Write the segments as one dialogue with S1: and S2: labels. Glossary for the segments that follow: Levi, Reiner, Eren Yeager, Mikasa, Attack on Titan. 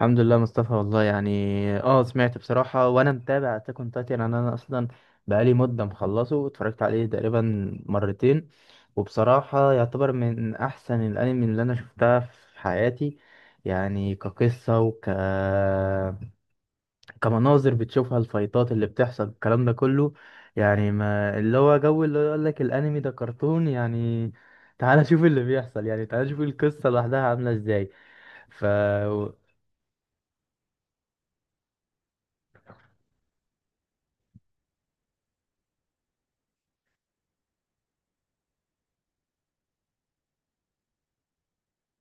S1: الحمد لله، مصطفى، والله يعني، اه سمعت بصراحة، وانا متابع اتاك اون تايتن. انا اصلا بقالي مدة مخلصه، اتفرجت عليه تقريبا مرتين. وبصراحة يعتبر من احسن الانمي اللي انا شفتها في حياتي، يعني كقصة كمناظر بتشوفها، الفايتات اللي بتحصل، الكلام ده كله. يعني ما اللي هو جو اللي يقول لك الانمي ده كرتون، يعني تعالى شوف اللي بيحصل، يعني تعالى شوف القصة لوحدها عاملة ازاي. ف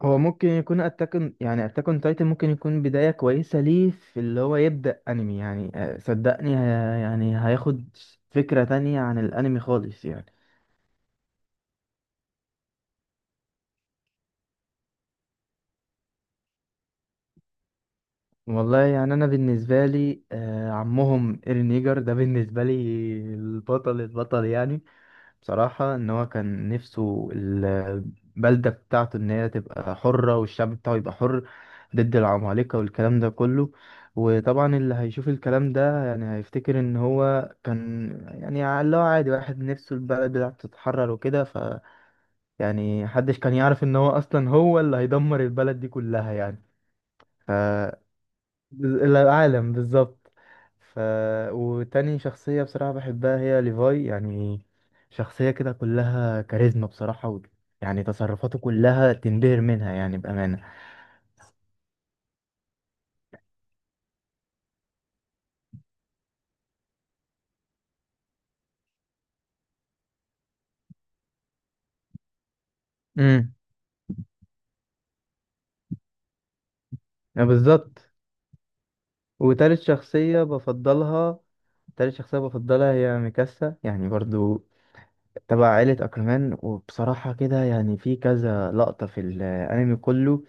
S1: هو ممكن يكون اتاكن، يعني اتاكن تايتن ممكن يكون بداية كويسة ليه في اللي هو يبدأ انمي، يعني صدقني، يعني هياخد فكرة تانية عن الانمي خالص يعني. والله يعني، انا بالنسبة لي عمهم ايرين ييجر ده بالنسبة لي البطل البطل يعني. بصراحة إن هو كان نفسه البلدة بتاعته إن هي تبقى حرة، والشعب بتاعه يبقى حر ضد العمالقة والكلام ده كله. وطبعا اللي هيشوف الكلام ده يعني هيفتكر إن هو كان، يعني اللي هو عادي واحد نفسه البلد بتاعته تتحرر وكده. ف يعني محدش كان يعرف إن هو أصلا هو اللي هيدمر البلد دي كلها يعني. العالم بالظبط. ف وتاني شخصية بصراحة بحبها هي ليفاي يعني، شخصية كده كلها كاريزما بصراحة. و... يعني تصرفاته كلها تنبهر منها، يعني بأمانة. امم. بالظبط. وتالت شخصية بفضلها، تالت شخصية بفضلها هي ميكاسا، يعني برضو تبع عائلة أكرمان. وبصراحة كده يعني في كذا لقطة في الأنمي كله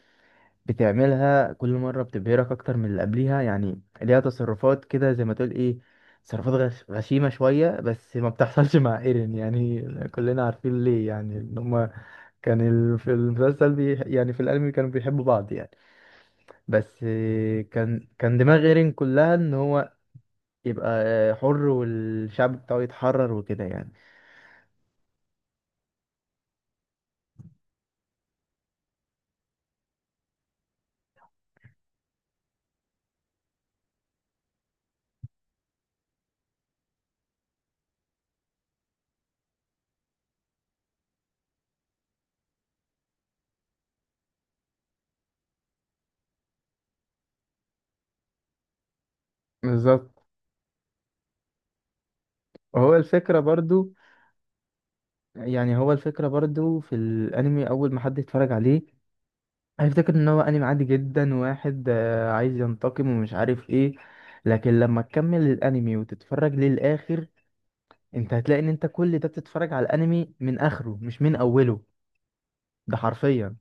S1: بتعملها كل مرة بتبهرك أكتر من اللي قبليها. يعني ليها تصرفات كده، زي ما تقول إيه، تصرفات غشيمة شوية، بس ما بتحصلش مع إيرين يعني. كلنا عارفين ليه، يعني إن هما كان في المسلسل يعني في الأنمي كانوا بيحبوا بعض يعني. بس كان دماغ إيرين كلها إن هو يبقى حر والشعب بتاعه يتحرر وكده يعني. بالظبط. وهو الفكرة برضو. يعني هو الفكرة برضو في الأنمي أول ما حد يتفرج عليه هيفتكر ان هو انمي عادي جدا، واحد عايز ينتقم ومش عارف ايه. لكن لما تكمل الانمي وتتفرج للاخر انت هتلاقي ان انت كل ده بتتفرج على الانمي من اخره مش من اوله. ده حرفيا.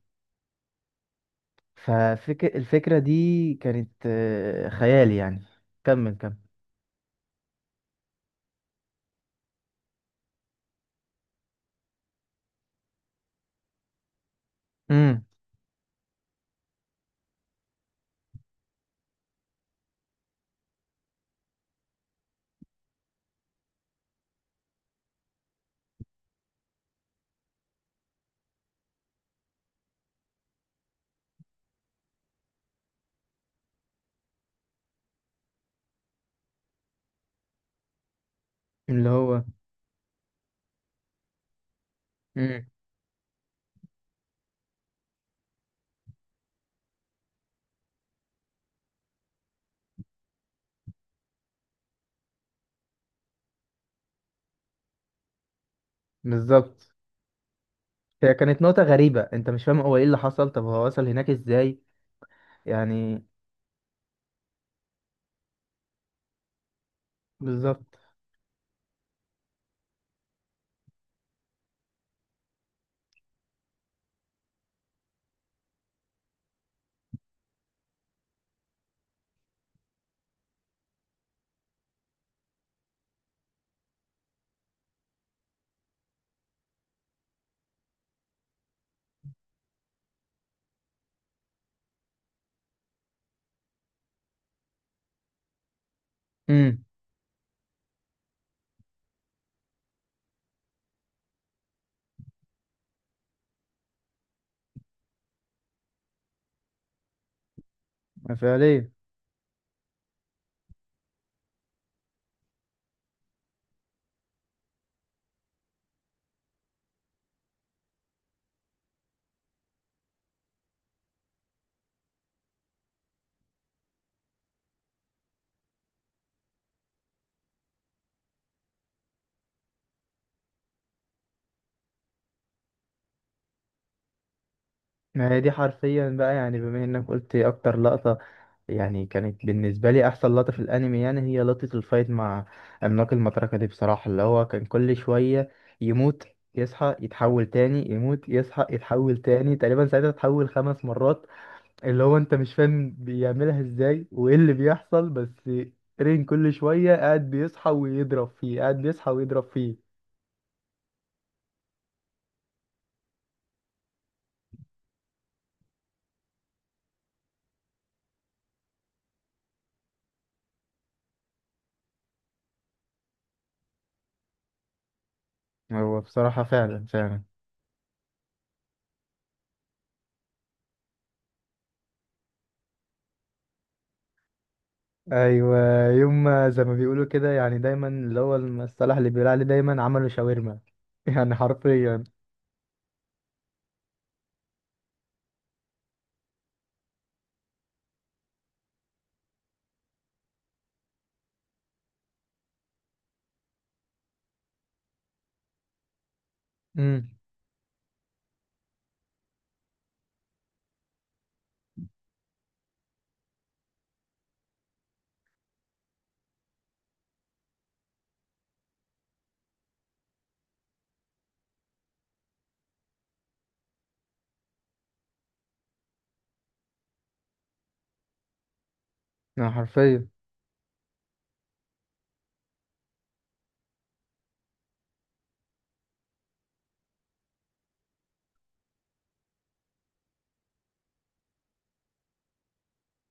S1: ففكر الفكرة دي كانت خيال يعني. كمل كمل. امم. اللي هو. امم. بالظبط. هي كانت نقطة غريبة، انت مش فاهم هو ايه اللي حصل، طب هو وصل هناك ازاي يعني. بالظبط. امم. فعليا. ما هي دي حرفيا بقى، يعني بما انك قلت اكتر لقطة، يعني كانت بالنسبة لي احسن لقطة في الانمي، يعني هي لقطة الفايت مع عملاق المطرقة دي بصراحة. اللي هو كان كل شوية يموت، يصحى، يتحول تاني، يموت، يصحى، يتحول تاني، تقريبا ساعتها اتحول 5 مرات. اللي هو انت مش فاهم بيعملها ازاي وايه اللي بيحصل، بس رين كل شوية قاعد بيصحى ويضرب فيه، قاعد بيصحى ويضرب فيه. هو بصراحة فعلا فعلا. ايوه. يوم ما- زي ما بيقولوا كده، يعني دايما اللي هو المصطلح اللي بيقول عليه دايما عملوا شاورما يعني حرفيا. امم. يعني حرفيا.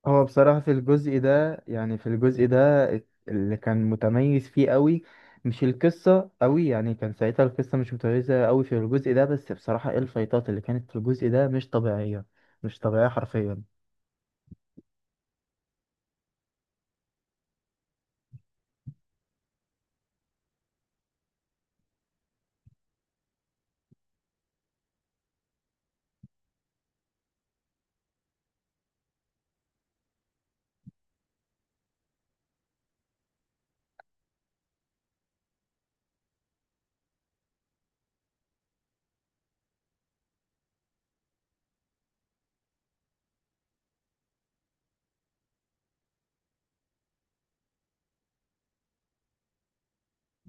S1: هو بصراحة في الجزء ده، يعني في الجزء ده اللي كان متميز فيه قوي، مش القصة قوي. يعني كان ساعتها القصة مش متميزة قوي في الجزء ده، بس بصراحة ايه الفايتات اللي كانت في الجزء ده مش طبيعية. مش طبيعية حرفيا.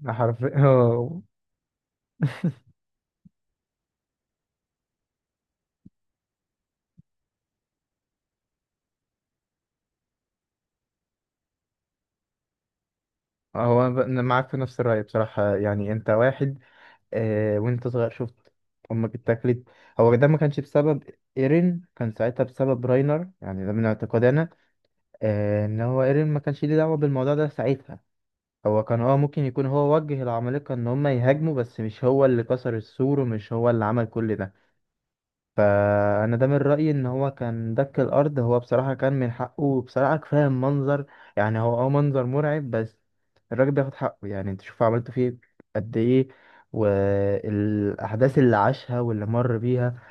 S1: حرفيا هو أنا معاك في نفس الرأي بصراحة يعني. انت واحد وانت صغير شفت امك اتاكلت. هو ده ما كانش بسبب ايرين، كان ساعتها بسبب راينر، يعني ده من اعتقادنا. ان هو ايرين ما كانش ليه دعوه بالموضوع ده ساعتها. هو كان ممكن يكون هو وجه العمالقه ان هم يهاجموا، بس مش هو اللي كسر السور، ومش هو اللي عمل كل ده. فانا ده من رايي ان هو كان دك الارض. هو بصراحه كان من حقه بصراحه، كفايه المنظر. يعني هو منظر مرعب، بس الراجل بياخد حقه. يعني انت شوف عملته فيه قد ايه، والاحداث اللي عاشها واللي مر بيها.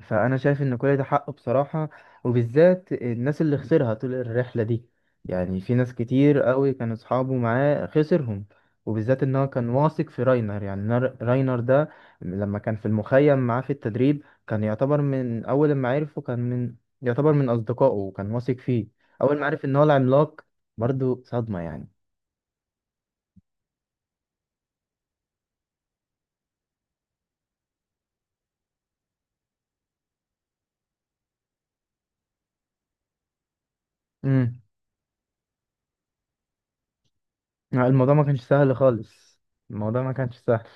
S1: فانا شايف ان كل ده حقه بصراحه، وبالذات الناس اللي خسرها طول الرحله دي. يعني في ناس كتير قوي كانوا اصحابه معاه خسرهم. وبالذات ان هو كان واثق في راينر، يعني راينر ده لما كان في المخيم معاه في التدريب كان يعتبر من اول ما عرفه، كان من يعتبر من اصدقائه وكان واثق فيه. اول ما عرف ان هو العملاق، برضو صدمه يعني. امم. الموضوع ما كانش سهل خالص، الموضوع ما كانش سهل.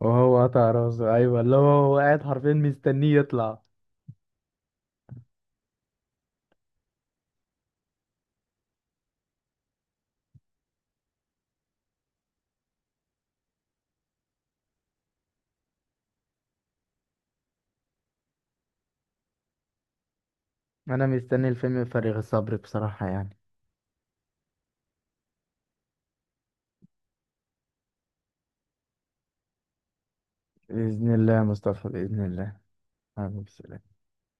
S1: وهو قطع راسه، ايوه، اللي هو قاعد حرفيا مستنيه يطلع. انا مستني الفيلم بفارغ الصبر بصراحة يعني. بإذن الله يا مصطفى، بإذن الله. حبيبي، سلام.